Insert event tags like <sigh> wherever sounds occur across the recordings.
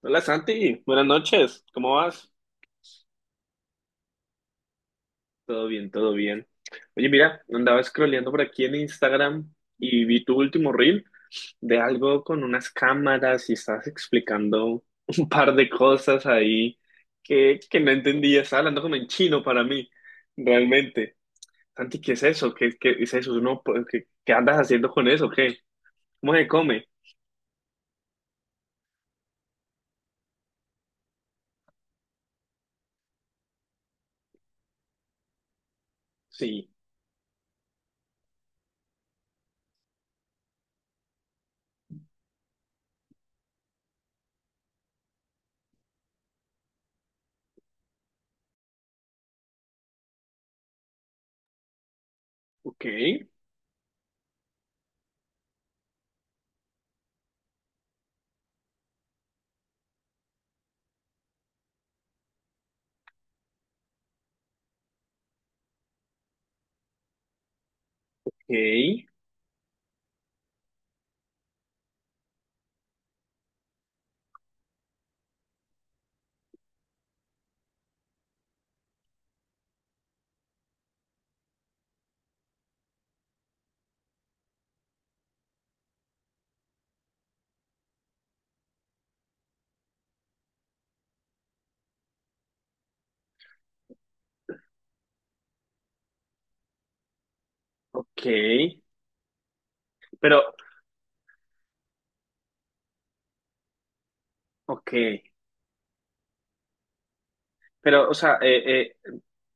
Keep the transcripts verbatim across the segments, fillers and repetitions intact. Hola Santi, buenas noches, ¿cómo vas? Todo bien, todo bien. Oye, mira, andaba scrolleando por aquí en Instagram y vi tu último reel de algo con unas cámaras y estabas explicando <laughs> un par de cosas ahí que, que no entendía, estaba hablando como en chino para mí, realmente. Santi, ¿qué es eso? ¿Qué, qué es eso? No, pues, ¿qué, qué andas haciendo con eso? ¿Qué? ¿Cómo se come? Sí, ok, ok, ok, pero, ok. Pero, o sea, eh, eh,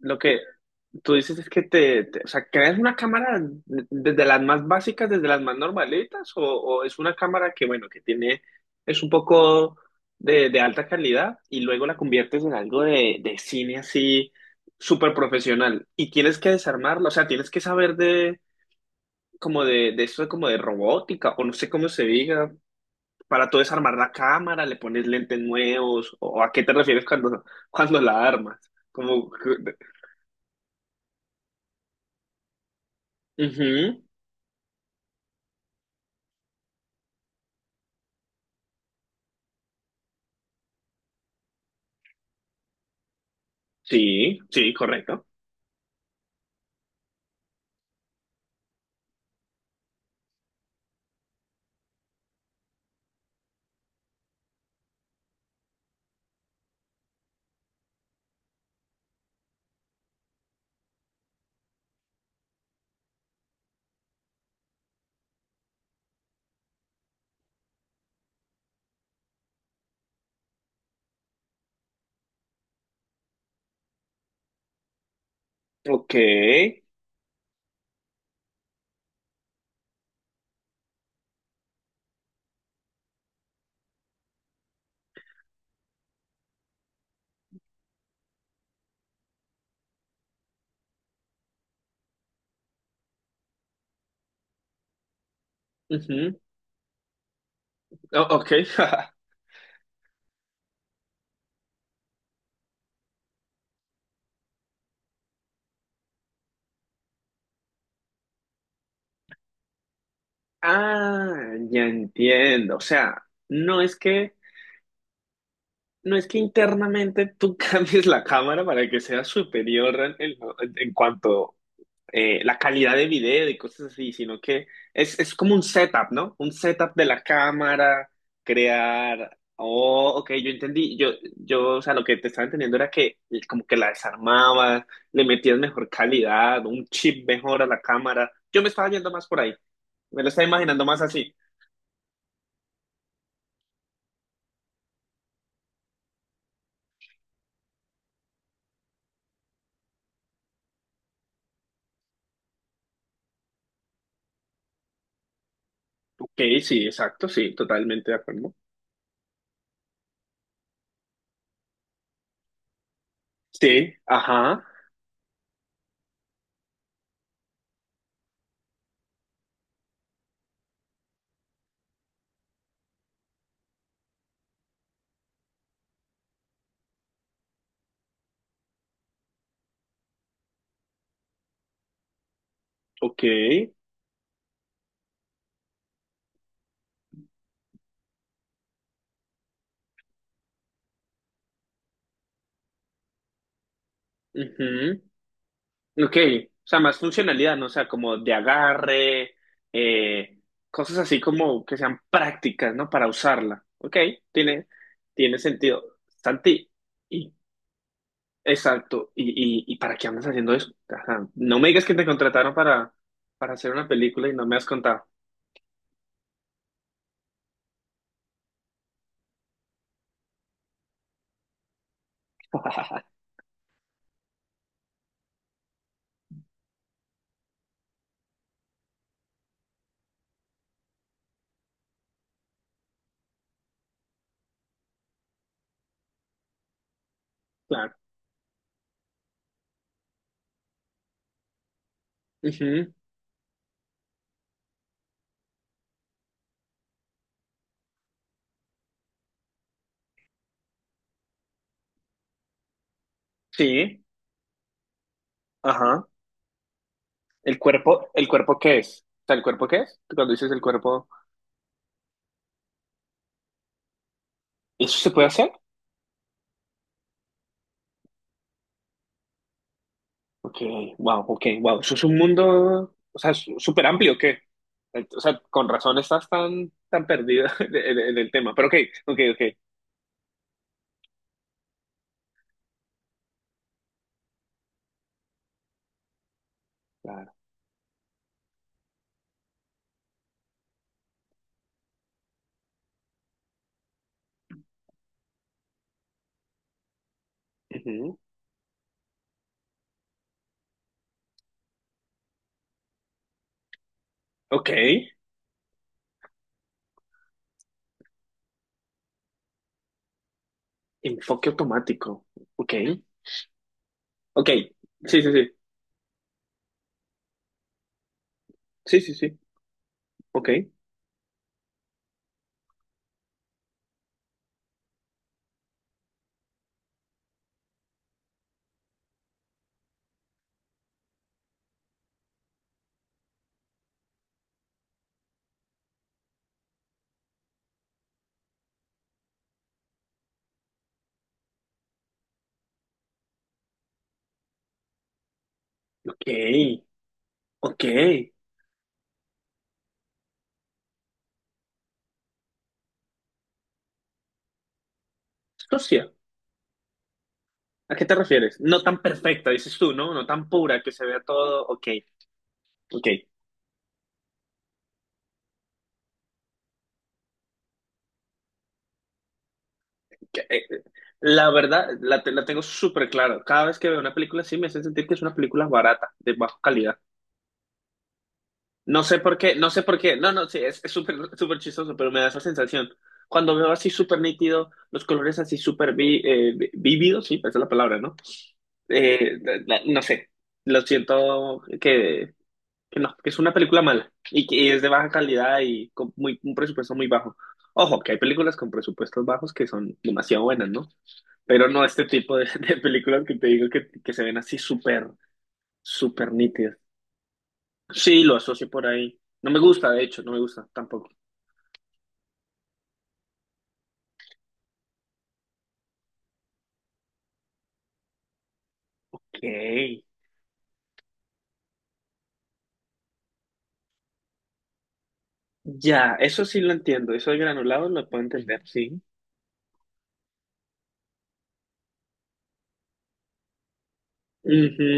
lo que tú dices es que te, te- o sea, ¿creas una cámara de- desde las más básicas, desde las más normalitas, o, o es una cámara que, bueno, que tiene, es un poco de, de alta calidad y luego la conviertes en algo de, de cine así súper profesional y tienes que desarmarla, o sea, tienes que saber de, como de, de eso, como de robótica, o no sé cómo se diga, para tú desarmar la cámara, le pones lentes nuevos, o a qué te refieres cuando, cuando la armas. Como, ujú. Sí, sí, correcto. Ok. Ujú. O- ok. <laughs> Ah, ya entiendo. O sea, no es que, no es que internamente tú <laughs> cambies la cámara para que sea superior en, en- en cuanto eh, la calidad de video y cosas así, sino que es, es como un setup, ¿no? Un setup de la cámara, crear... Oh, ok, yo entendí, yo, yo, o sea, lo que te estaba entendiendo era que como que la desarmabas, le metías mejor calidad, un chip mejor a la cámara. Yo me estaba yendo más por ahí, me lo estaba imaginando más así. Ok, sí, exacto, sí, totalmente de acuerdo. Sí, ajá, ok, ujú. Ok, o sea, más funcionalidad, ¿no? O sea, como de agarre, eh, cosas así como que sean prácticas, ¿no? Para usarla. Ok, tiene, tiene sentido. Santi, y, exacto. ¿Y, y, y para qué andas haciendo eso? Ajá, no me digas que te contrataron para, para hacer una película y no me has contado. <laughs> Claro. Ujú, sí, ajá. ¿El cuerpo, el cuerpo qué es? O sea, ¿el cuerpo qué es? Cuando dices el cuerpo, ¿eso se puede hacer? Ok, wow, ok, wow. Eso es un mundo, o sea, su- súper amplio, ¿qué? Eh, O sea, con razón estás tan, tan perdida <laughs> en, en- en el tema. Pero ok, ok, ok. Claro. Ujú. Ok, enfoque automático. Ok, ok. Sí, sí, sí. Sí, sí, sí. Ok, ok, ok. Socia, ¿a qué te refieres? No tan perfecta, dices tú, ¿no? No tan pura que se vea todo. Ok, ok. que, eh, la verdad, la, te- la tengo súper claro. Cada vez que veo una película así me hace sentir que es una película barata, de baja calidad. No sé por qué, no sé por qué. No, no, sí, es es súper <laughs> súper chistoso, pero me da esa sensación. Cuando veo así súper nítido, los colores así súper vi- eh, vi- vívidos, sí, esa es la palabra, ¿no? Eh, la- la- no sé, lo siento que, que no, que es una película mala y que y es de baja calidad y con muy, un presupuesto muy bajo. Ojo, que hay películas con presupuestos bajos que son demasiado buenas, ¿no? Pero no este tipo de, <laughs> de películas que te digo que, que se ven así súper, súper nítidas. Sí, lo asocio por ahí. No me gusta, de hecho, no me gusta tampoco. Ok. Ya, eso sí lo entiendo. Eso de granulado lo puedo entender, sí. Ujú,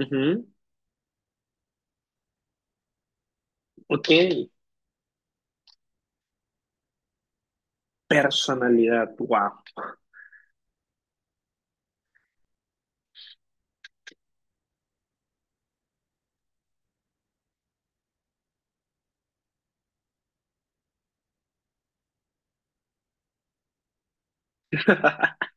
ujú. Ok. Personalidad, wow. <laughs>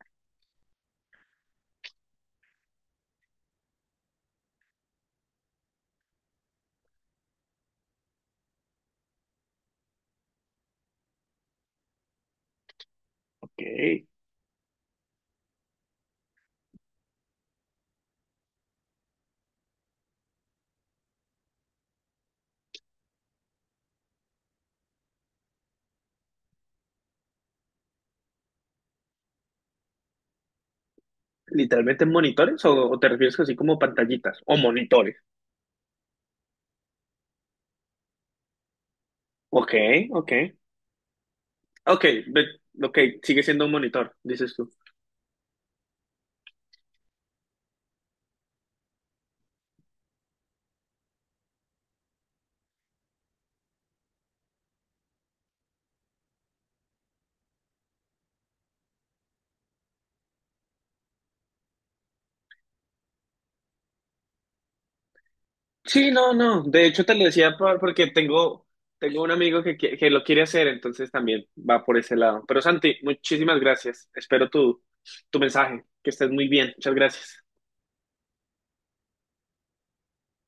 Ok. ¿Literalmente monitores o, o te refieres así como pantallitas o monitores? Ok, ok. Ok, ve- ok, sigue siendo un monitor, dices tú. Sí, no, no. De hecho, te lo decía por- porque tengo, tengo un amigo que, qui- que lo quiere hacer, entonces también va por ese lado. Pero Santi, muchísimas gracias. Espero tu, tu mensaje. Que estés muy bien. Muchas gracias.